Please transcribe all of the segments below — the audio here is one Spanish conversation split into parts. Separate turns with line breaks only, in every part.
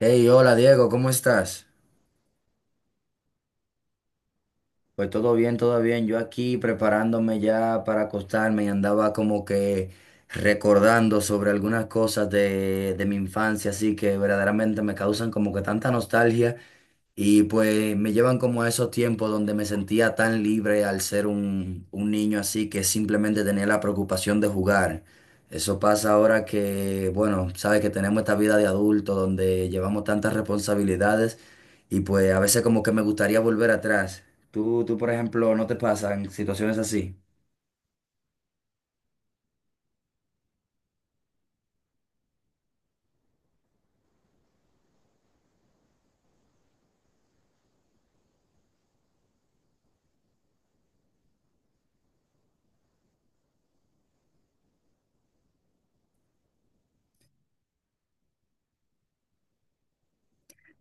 Hey, hola Diego, ¿cómo estás? Pues todo bien, todo bien. Yo aquí preparándome ya para acostarme y andaba como que recordando sobre algunas cosas de mi infancia, así que verdaderamente me causan como que tanta nostalgia. Y pues me llevan como a esos tiempos donde me sentía tan libre al ser un niño, así que simplemente tenía la preocupación de jugar. Eso pasa ahora que, bueno, sabes que tenemos esta vida de adulto donde llevamos tantas responsabilidades y pues a veces como que me gustaría volver atrás. Tú, por ejemplo, ¿no te pasan situaciones así?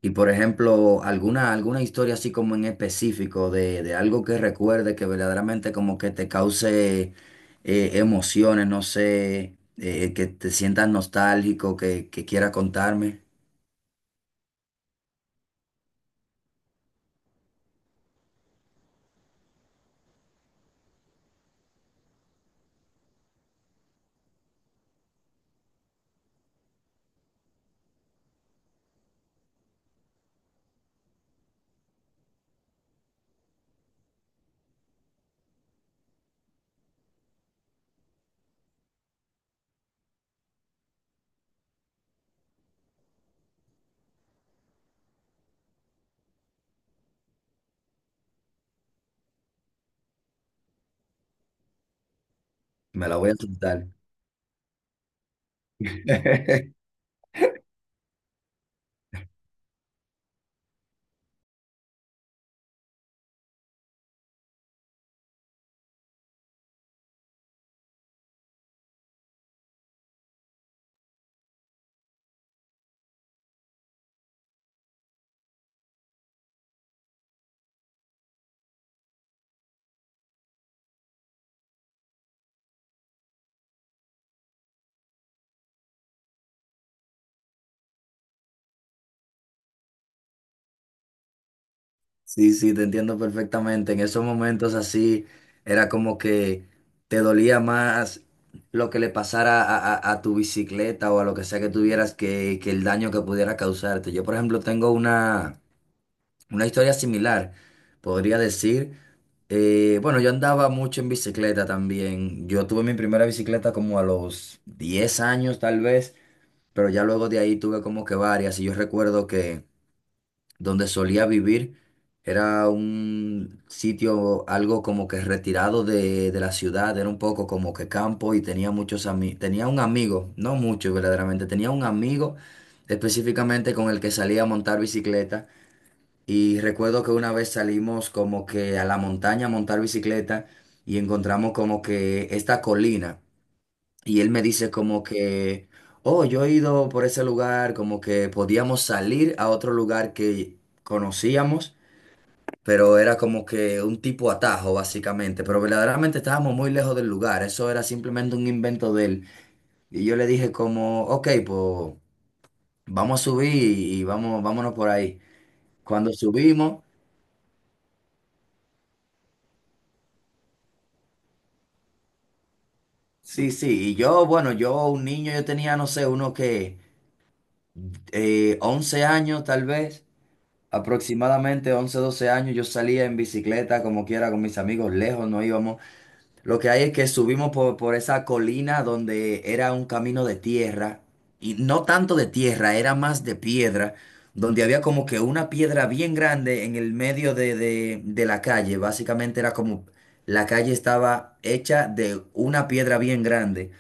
Y por ejemplo, alguna historia así como en específico de algo que recuerde que verdaderamente como que te cause, emociones, no sé, que te sientas nostálgico, que quiera contarme, me la voy a contar. Sí, sí, te entiendo perfectamente. En esos momentos así era como que te dolía más lo que le pasara a tu bicicleta o a lo que sea que tuvieras, que el daño que pudiera causarte. Yo, por ejemplo, tengo una... Una historia similar, podría decir. Bueno, yo andaba mucho en bicicleta también. Yo tuve mi primera bicicleta como a los 10 años tal vez, pero ya luego de ahí tuve como que varias. Y yo recuerdo que donde solía vivir era un sitio algo como que retirado de la ciudad, era un poco como que campo y tenía muchos amigos. Tenía un amigo, no mucho verdaderamente, tenía un amigo específicamente con el que salía a montar bicicleta. Y recuerdo que una vez salimos como que a la montaña a montar bicicleta y encontramos como que esta colina. Y él me dice como que, oh, yo he ido por ese lugar, como que podíamos salir a otro lugar que conocíamos, pero era como que un tipo atajo básicamente. Pero verdaderamente estábamos muy lejos del lugar, eso era simplemente un invento de él. Y yo le dije como, ok, pues vamos a subir y vámonos por ahí. Cuando subimos. Sí, sí, y yo, bueno, yo un niño, yo tenía, no sé, uno que 11 años tal vez, aproximadamente 11, 12 años, yo salía en bicicleta como quiera con mis amigos, lejos no íbamos. Lo que hay es que subimos por esa colina donde era un camino de tierra, y no tanto de tierra, era más de piedra, donde había como que una piedra bien grande en el medio de la calle, básicamente era como, la calle estaba hecha de una piedra bien grande.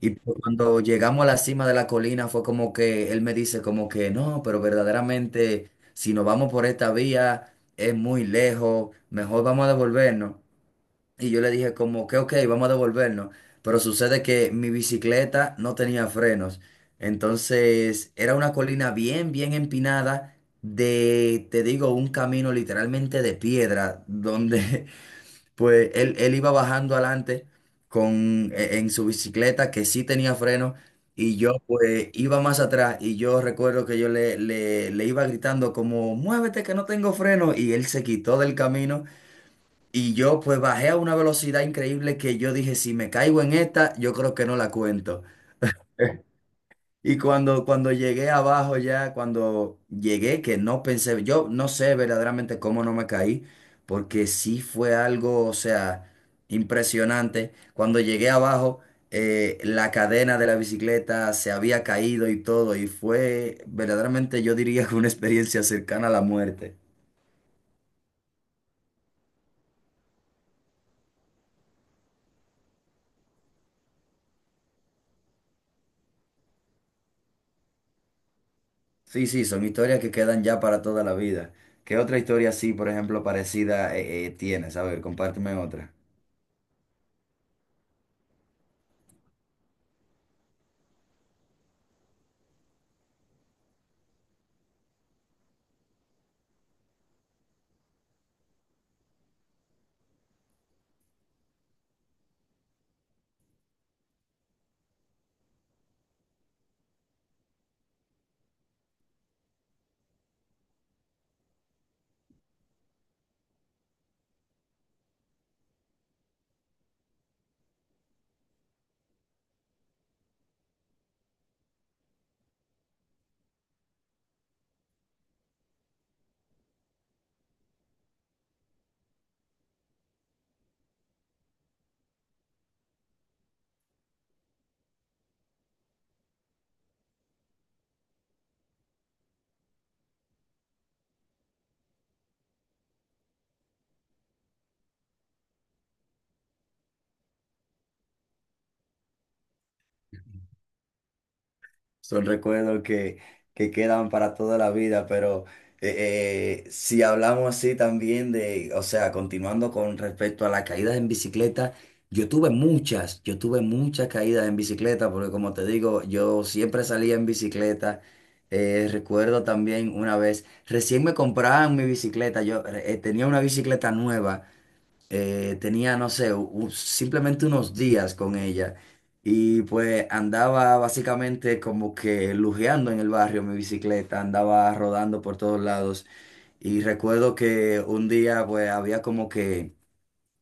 Y pues cuando llegamos a la cima de la colina fue como que él me dice como que no, pero verdaderamente si nos vamos por esta vía es muy lejos, mejor vamos a devolvernos. Y yo le dije como que ok, vamos a devolvernos. Pero sucede que mi bicicleta no tenía frenos. Entonces era una colina bien, bien empinada de, te digo, un camino literalmente de piedra, donde pues él iba bajando adelante en su bicicleta que sí tenía freno, y yo pues iba más atrás, y yo recuerdo que yo le iba gritando como, muévete que no tengo freno, y él se quitó del camino y yo pues bajé a una velocidad increíble que yo dije, si me caigo en esta, yo creo que no la cuento. Y cuando llegué abajo ya, cuando llegué, que no pensé, yo no sé verdaderamente cómo no me caí, porque sí fue algo, o sea, impresionante. Cuando llegué abajo, la cadena de la bicicleta se había caído y todo, y fue verdaderamente, yo diría que una experiencia cercana a la muerte. Sí, sí, son historias que quedan ya para toda la vida. ¿Qué otra historia así, por ejemplo, parecida, tienes? A ver, compárteme otra. Son recuerdos que quedan para toda la vida, pero, si hablamos así también de, o sea, continuando con respecto a las caídas en bicicleta, yo tuve muchas caídas en bicicleta, porque como te digo, yo siempre salía en bicicleta. Recuerdo también una vez, recién me compraban mi bicicleta, yo tenía una bicicleta nueva, tenía, no sé, simplemente unos días con ella, y pues andaba básicamente como que lujeando en el barrio mi bicicleta, andaba rodando por todos lados, y recuerdo que un día pues había como que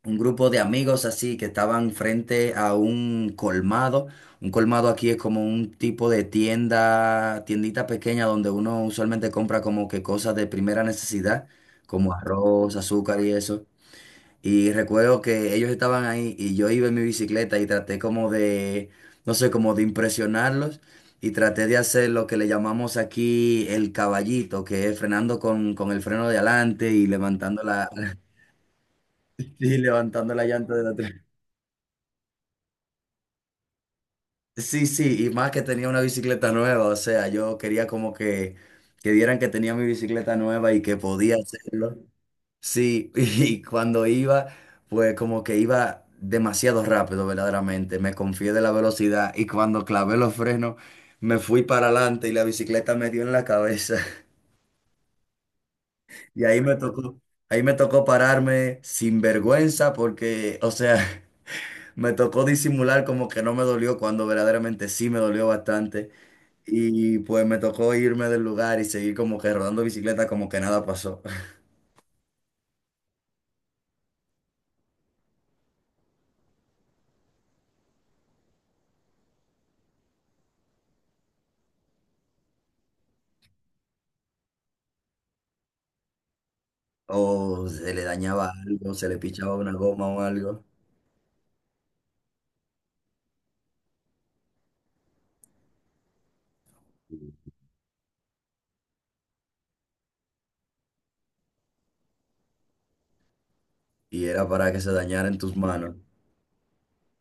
un grupo de amigos así que estaban frente a un colmado. Un colmado aquí es como un tipo de tienda, tiendita pequeña donde uno usualmente compra como que cosas de primera necesidad, como arroz, azúcar y eso. Y recuerdo que ellos estaban ahí y yo iba en mi bicicleta y traté como de, no sé, como de impresionarlos, y traté de hacer lo que le llamamos aquí el caballito, que es frenando con el freno de adelante y y levantando la llanta de atrás. Sí, sí, y más que tenía una bicicleta nueva, o sea, yo quería como que vieran que tenía mi bicicleta nueva y que podía hacerlo. Sí, y cuando iba, pues como que iba demasiado rápido, verdaderamente. Me confié de la velocidad y cuando clavé los frenos, me fui para adelante y la bicicleta me dio en la cabeza. Y ahí me tocó, ahí me tocó pararme sin vergüenza porque, o sea, me tocó disimular como que no me dolió cuando verdaderamente sí me dolió bastante. Y pues me tocó irme del lugar y seguir como que rodando bicicleta como que nada pasó. O se le dañaba algo, se le pichaba una goma o algo. Y era para que se dañara en tus manos.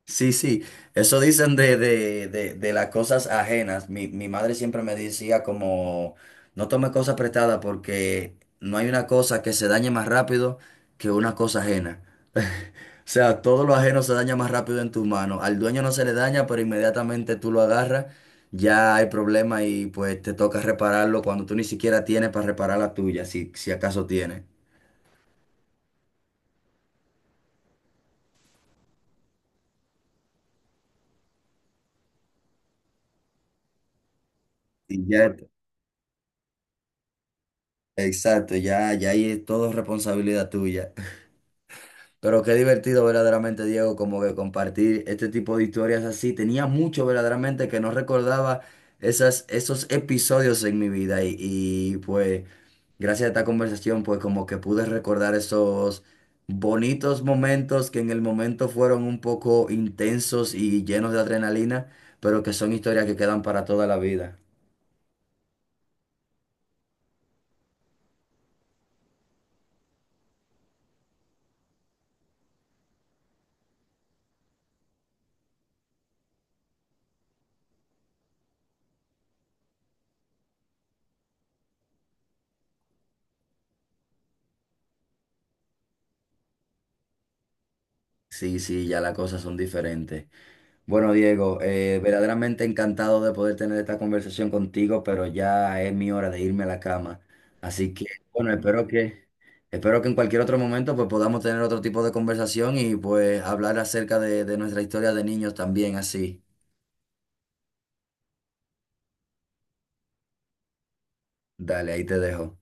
Sí, sí, eso dicen de las cosas ajenas. Mi madre siempre me decía como, no tome cosas prestadas porque no hay una cosa que se dañe más rápido que una cosa ajena. O sea, todo lo ajeno se daña más rápido en tus manos. Al dueño no se le daña, pero inmediatamente tú lo agarras, ya hay problema y pues te toca repararlo cuando tú ni siquiera tienes para reparar la tuya, si acaso tienes. Y ya Exacto, ya ahí es todo responsabilidad tuya. Pero qué divertido verdaderamente, Diego, como que compartir este tipo de historias así. Tenía mucho verdaderamente que no recordaba esos episodios en mi vida, pues gracias a esta conversación pues como que pude recordar esos bonitos momentos que en el momento fueron un poco intensos y llenos de adrenalina, pero que son historias que quedan para toda la vida. Sí, sí, ya las cosas son diferentes. Bueno, Diego, verdaderamente encantado de poder tener esta conversación contigo, pero ya es mi hora de irme a la cama. Así que, bueno, espero que en cualquier otro momento pues podamos tener otro tipo de conversación y pues hablar acerca de nuestra historia de niños también así. Dale, ahí te dejo.